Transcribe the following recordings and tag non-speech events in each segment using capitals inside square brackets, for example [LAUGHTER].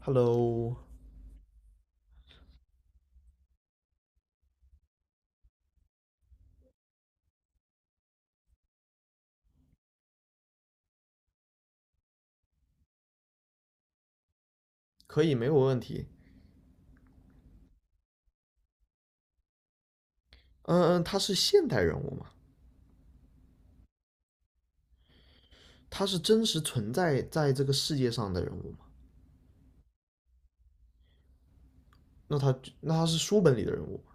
Hello，可以，没有问题。嗯，他是现代人物吗？他是真实存在在这个世界上的人物吗？那他是书本里的人物吗？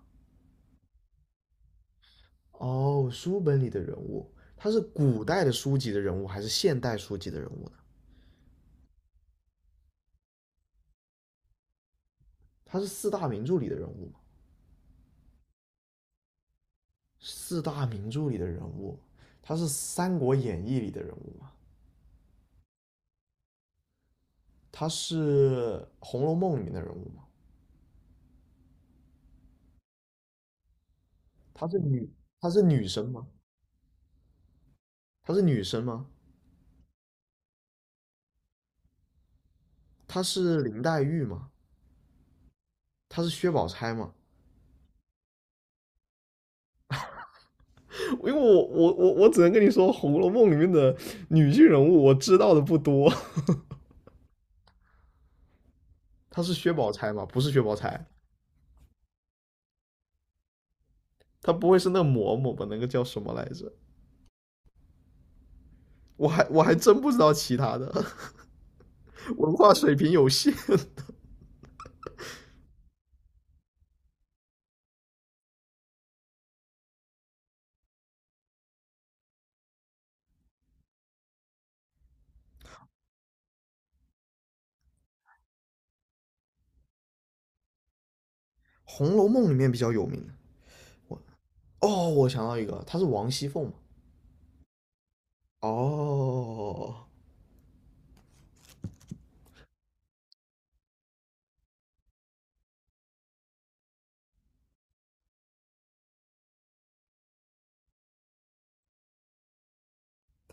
哦，书本里的人物，他是古代的书籍的人物还是现代书籍的人物呢？他是四大名著里的人物吗？四大名著里的人物，他是《三国演义》里的人物吗？他是《红楼梦》里面的人物吗？她是女，她是女生吗？她是女生吗？她是林黛玉吗？她是薛宝钗嘛？因为我只能跟你说，《红楼梦》里面的女性人物我知道的不多。[LAUGHS] 她是薛宝钗嘛？不是薛宝钗，她不会是那嬷嬷吧？那个叫什么来着？我还真不知道其他的，[LAUGHS] 文化水平有限。[LAUGHS]《红楼梦》里面比较有名的，我哦，我想到一个，她是王熙凤嘛？哦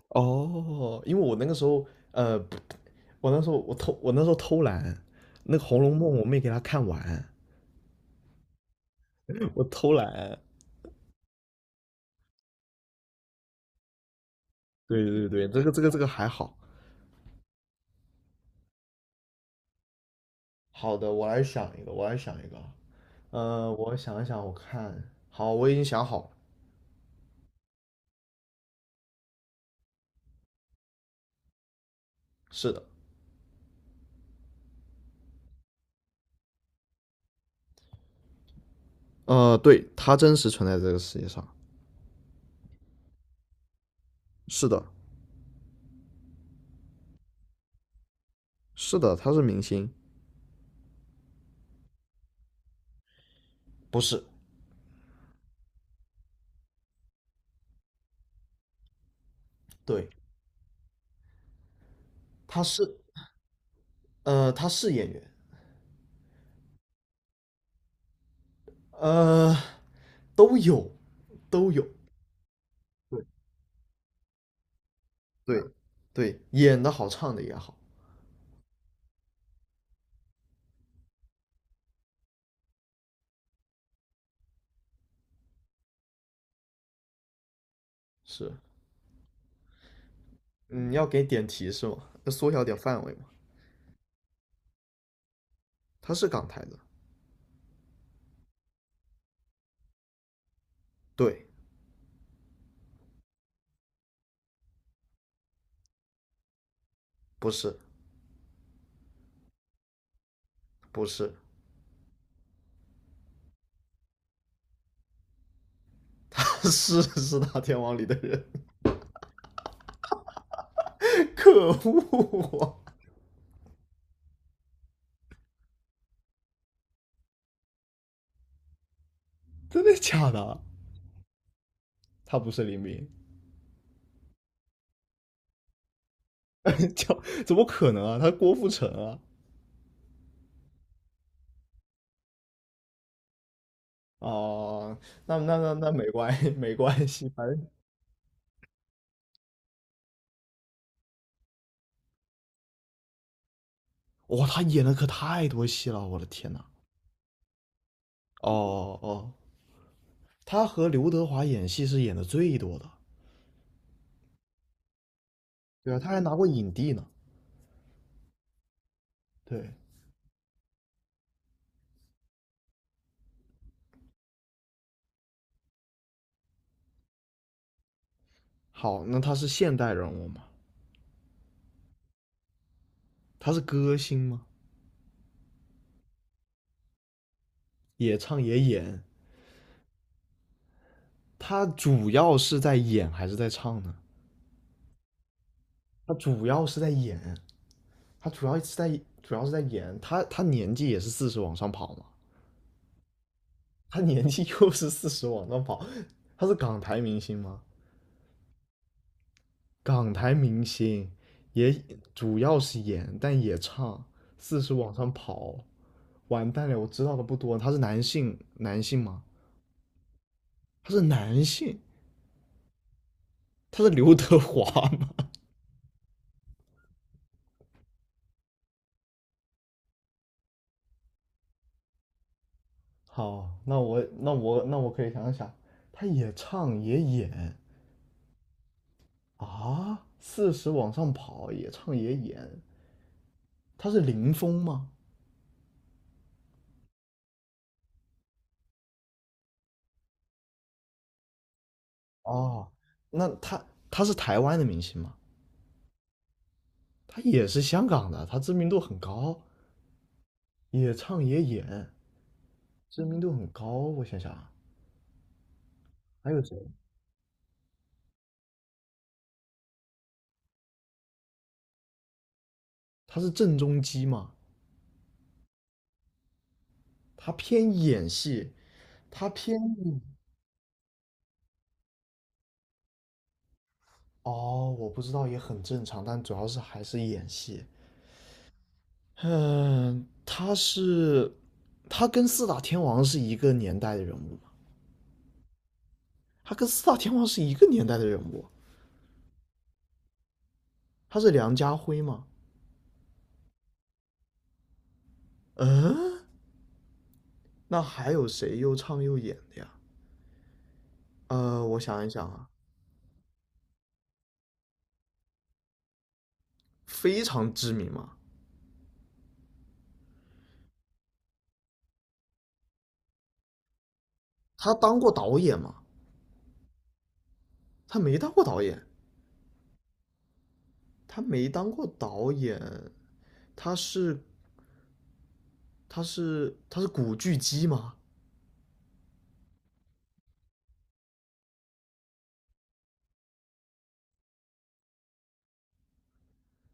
哦，因为我那个时候呃，我那时候偷懒，那个《红楼梦》我没给她看完，我偷懒。对对对，这个还好。好的，我来想一个，我来想一个啊。我想一想，我看，好，我已经想好了。是的，对，他真实存在这个世界上。是的，是的，他是明星。不是，对，他是，他是演员，呃，都有，都有，对，对，演的好，唱的也好，是。嗯，要给点提示吗？要缩小点范围吗？他是港台的。对，不是，不是，[LAUGHS] 是四大天王里的人，[LAUGHS] 可恶啊！真的假的啊？他不是林斌，叫 [LAUGHS] 怎么可能啊？他是郭富城啊！哦，那没关系，没关系，反正哇、他演的可太多戏了，我的天呐！哦哦，他和刘德华演戏是演的最多的，对啊，他还拿过影帝呢。对，好，那他是现代人物吗？他是歌星吗？也唱也演，他主要是在演还是在唱呢？他主要是在演，他主要是在演，他他年纪也是四十往上跑嘛，他年纪 [LAUGHS] 又是四十往上跑，他是港台明星吗？港台明星也主要是演，但也唱，四十往上跑，完蛋了，我知道的不多，他是男性吗？他是男性，他是刘德华吗？[LAUGHS] 好，那我可以想想，他也唱也演，啊，四十往上跑，也唱也演，他是林峰吗？哦，那他他是台湾的明星吗？他也是香港的，他知名度很高，也唱也演，知名度很高。我想想啊，还有谁？他是郑中基吗？他偏演戏，他偏哦，我不知道也很正常，但主要是还是演戏。嗯，他跟四大天王是一个年代的人物。他跟四大天王是一个年代的人物，他是梁家辉吗？嗯，那还有谁又唱又演的呀？呃，我想一想啊，非常知名嘛，他当过导演吗？他没当过导演，他没当过导演，他是他是古巨基吗？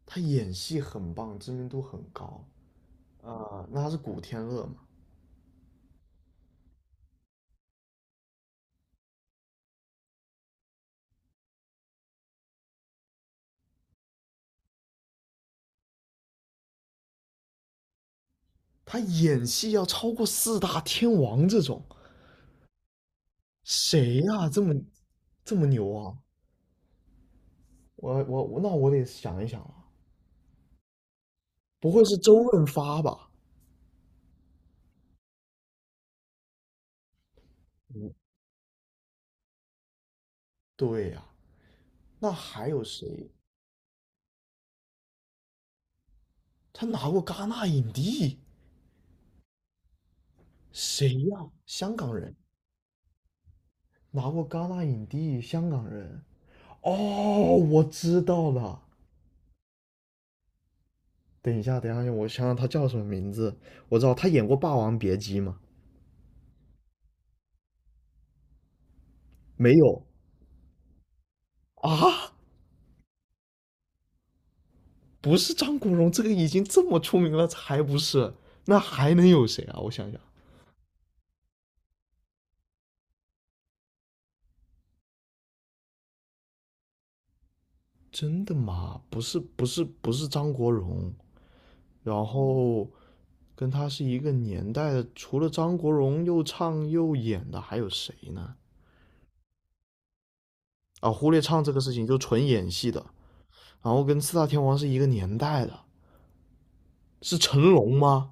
他演戏很棒，知名度很高啊、那他是古天乐吗？他演戏要超过四大天王这种，谁呀、这么牛啊？我那我得想一想啊，不会是周润发吧？嗯，对呀、那还有谁？他拿过戛纳影帝，谁呀、香港人，拿过戛纳影帝，香港人。哦，我知道了。等一下，等一下，我想想他叫什么名字。我知道他演过《霸王别姬》吗？没有啊，不是张国荣，这个已经这么出名了，才不是？那还能有谁啊？我想想，真的吗？不是，不是，不是张国荣。然后跟他是一个年代的，除了张国荣又唱又演的，还有谁呢？啊，忽略唱这个事情，就纯演戏的。然后跟四大天王是一个年代的，是成龙吗？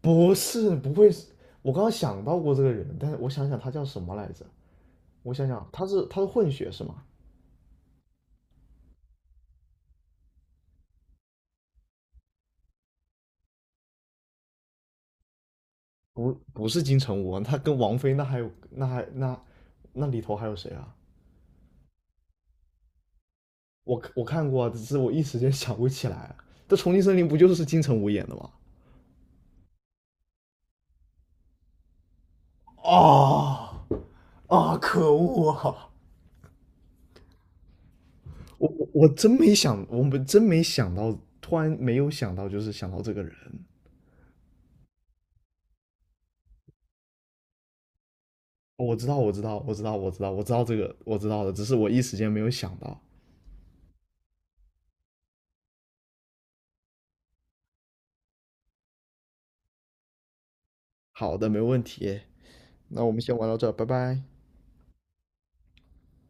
不是，不会是。我刚刚想到过这个人，但是我想想他叫什么来着？我想想，他是混血是吗？不，不是金城武啊，他跟王菲那里头还有谁啊？我看过啊只是我一时间想不起来啊。这《重庆森林》不就是金城武演的吗？哦啊，可恶啊！我真没想，我们真没想到，突然没有想到，就是想到这个人。哦我知道，我知道，我知道，我知道，我知道这个，我知道的，只是我一时间没有想到。好的，没问题。那我们先玩到这儿，拜拜。